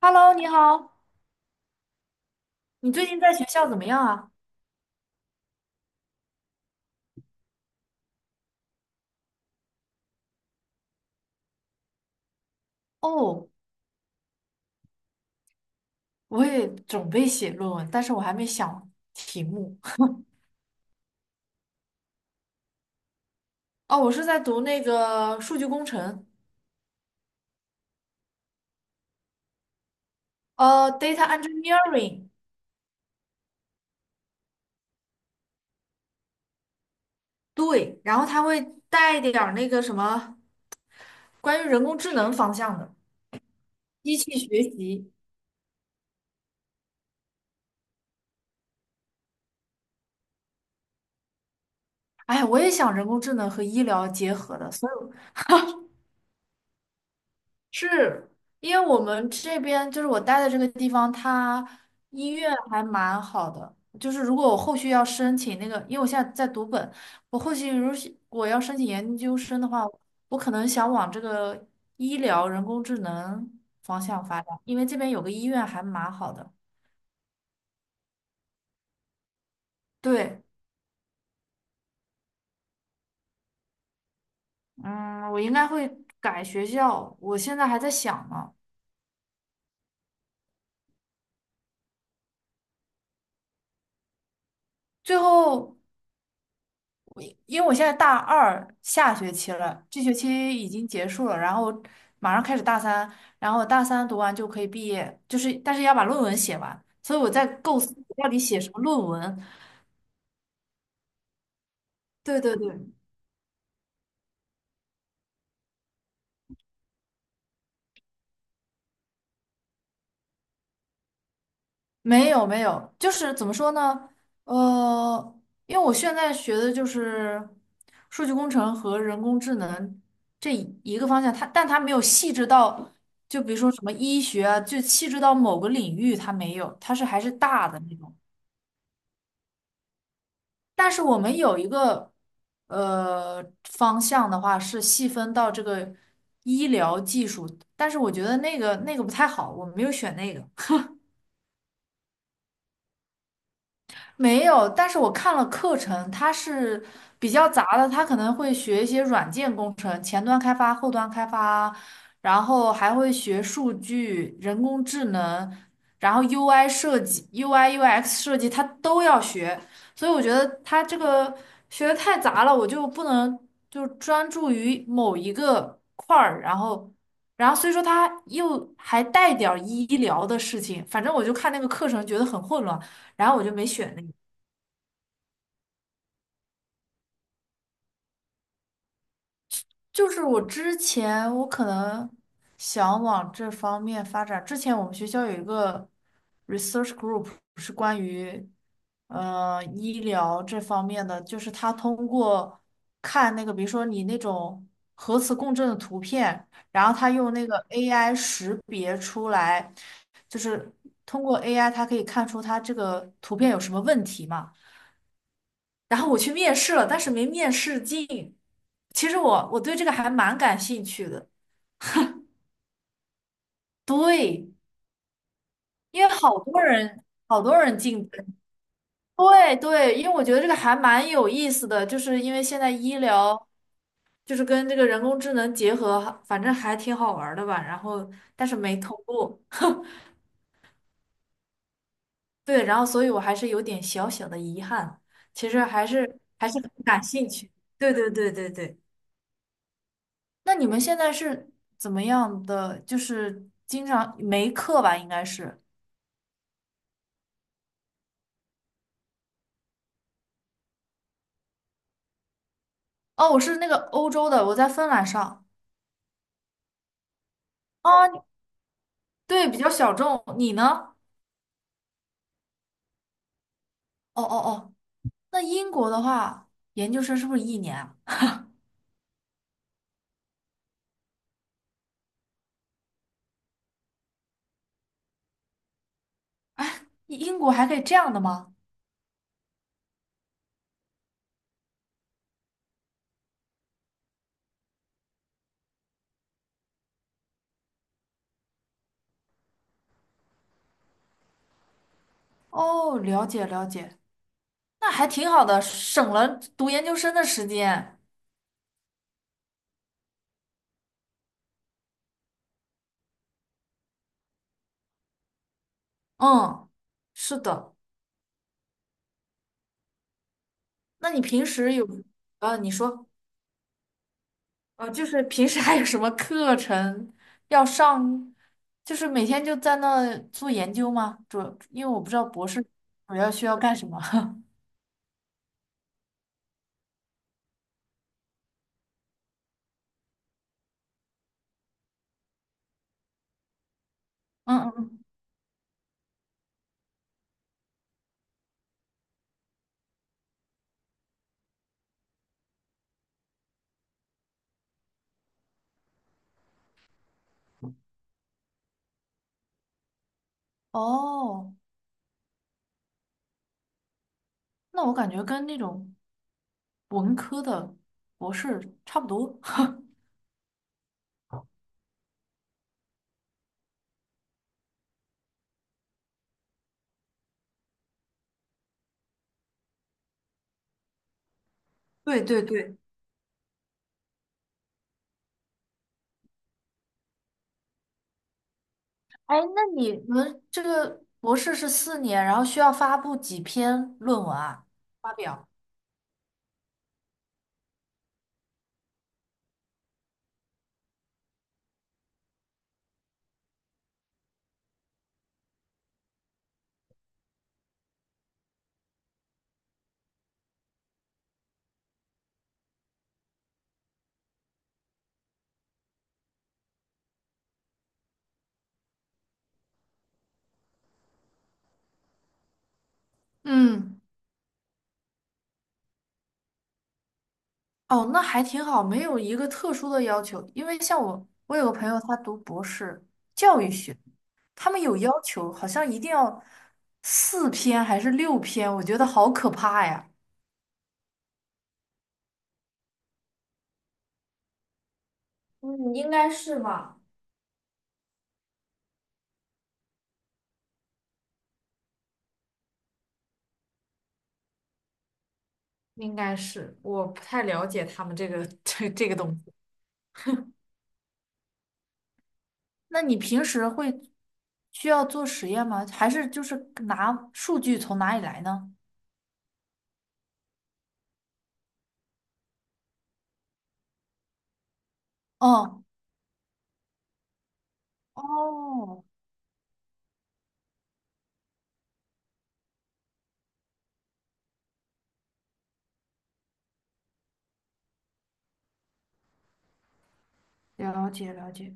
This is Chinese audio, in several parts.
Hello，你好，你最近在学校怎么样啊？哦，我也准备写论文，但是我还没想题目。哦，我是在读那个数据工程，data engineering。对，然后它会带一点儿那个什么关于人工智能方向的机器学习。哎呀我也想人工智能和医疗结合的，所以。是因为我们这边就是我待的这个地方，它医院还蛮好的。就是如果我后续要申请那个，因为我现在在读本，我后续如果我要申请研究生的话，我可能想往这个医疗人工智能方向发展，因为这边有个医院还蛮好的。对，嗯，我应该会改学校，我现在还在想呢。最后。因为我现在大二下学期了，这学期已经结束了，然后马上开始大三，然后大三读完就可以毕业，就是但是要把论文写完，所以我在构思我到底写什么论文。对对对，没有没有，就是怎么说呢？呃，因为我现在学的就是数据工程和人工智能这一个方向，但它没有细致到，就比如说什么医学啊，就细致到某个领域，它没有，它是还是大的那种。但是我们有一个方向的话是细分到这个医疗技术，但是我觉得那个不太好，我没有选那个。没有，但是我看了课程，它是比较杂的，它可能会学一些软件工程，前端开发、后端开发，然后还会学数据、人工智能，然后 UI 设计、UI、UX 设计，它都要学。所以我觉得它这个学的太杂了，我就不能就专注于某一个块儿，然后。然后所以说它又还带点儿医疗的事情，反正我就看那个课程觉得很混乱，然后我就没选那个。就是我之前我可能想往这方面发展。之前我们学校有一个 research group 是关于医疗这方面的，就是他通过看那个，比如说你那种核磁共振的图片，然后他用那个 AI 识别出来，就是通过 AI 他可以看出他这个图片有什么问题嘛。然后我去面试了，但是没面试进。其实我对这个还蛮感兴趣的，对，因为好多人好多人进。对对，因为我觉得这个还蛮有意思的，就是因为现在医疗就是跟这个人工智能结合，反正还挺好玩儿的吧。然后但是没通过，对，然后所以我还是有点小小的遗憾，其实还是很感兴趣，对对对对对。那你们现在是怎么样的？就是经常没课吧，应该是。哦，我是那个欧洲的，我在芬兰上。啊，你对，比较小众。你呢？哦哦哦，那英国的话，研究生是不是一年啊？英国还可以这样的吗？哦，了解了解，那还挺好的，省了读研究生的时间。嗯，是的。那你平时有，你说。就是平时还有什么课程要上？就是每天就在那做研究吗？因为我不知道博士主要需要干什么。嗯嗯，哦，那我感觉跟那种文科的博士差不多。对对对，哎，那你们这个博士是4年，然后需要发布几篇论文啊？发表。嗯。哦，那还挺好，没有一个特殊的要求。因为像我，我有个朋友，他读博士教育学，他们有要求，好像一定要4篇还是6篇，我觉得好可怕呀。嗯，应该是吧。应该是，我不太了解他们这个 这个东西。那你平时会需要做实验吗？还是就是拿数据从哪里来呢？哦，哦，了解了解，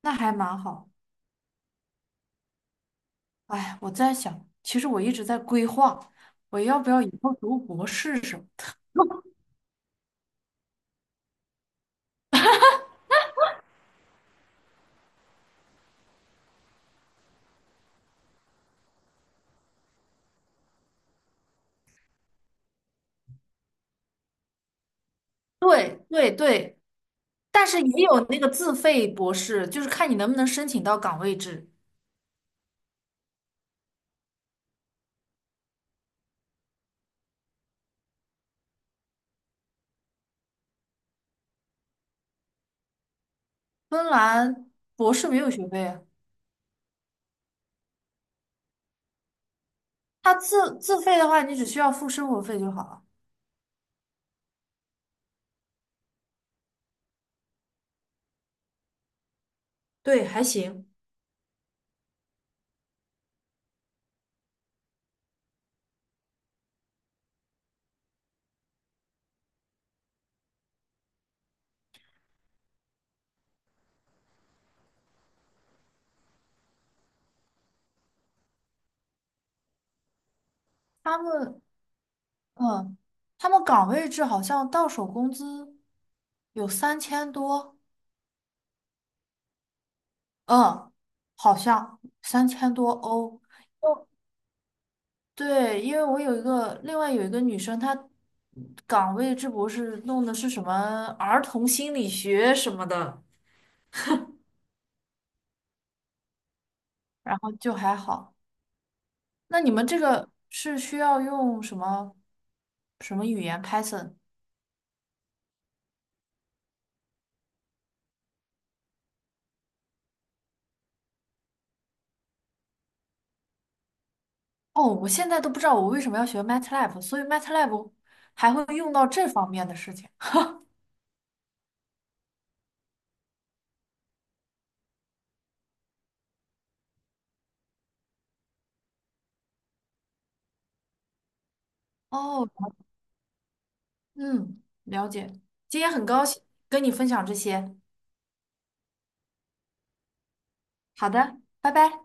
那还蛮好。哎，我在想，其实我一直在规划，我要不要以后读博士什么对对对，但是也有那个自费博士，就是看你能不能申请到岗位制。芬兰博士没有学费啊，他自费的话，你只需要付生活费就好了。对，还行。他们，嗯，他们岗位制好像到手工资有三千多，嗯，好像3000多欧。对，因为我有一个另外有一个女生，她岗位这博士弄的是什么儿童心理学什么的，然后就还好。那你们这个是需要用什么什么语言 Python?哦，我现在都不知道我为什么要学 MATLAB,所以 MATLAB 还会用到这方面的事情。哦，嗯，了解。今天很高兴跟你分享这些。好的，拜拜。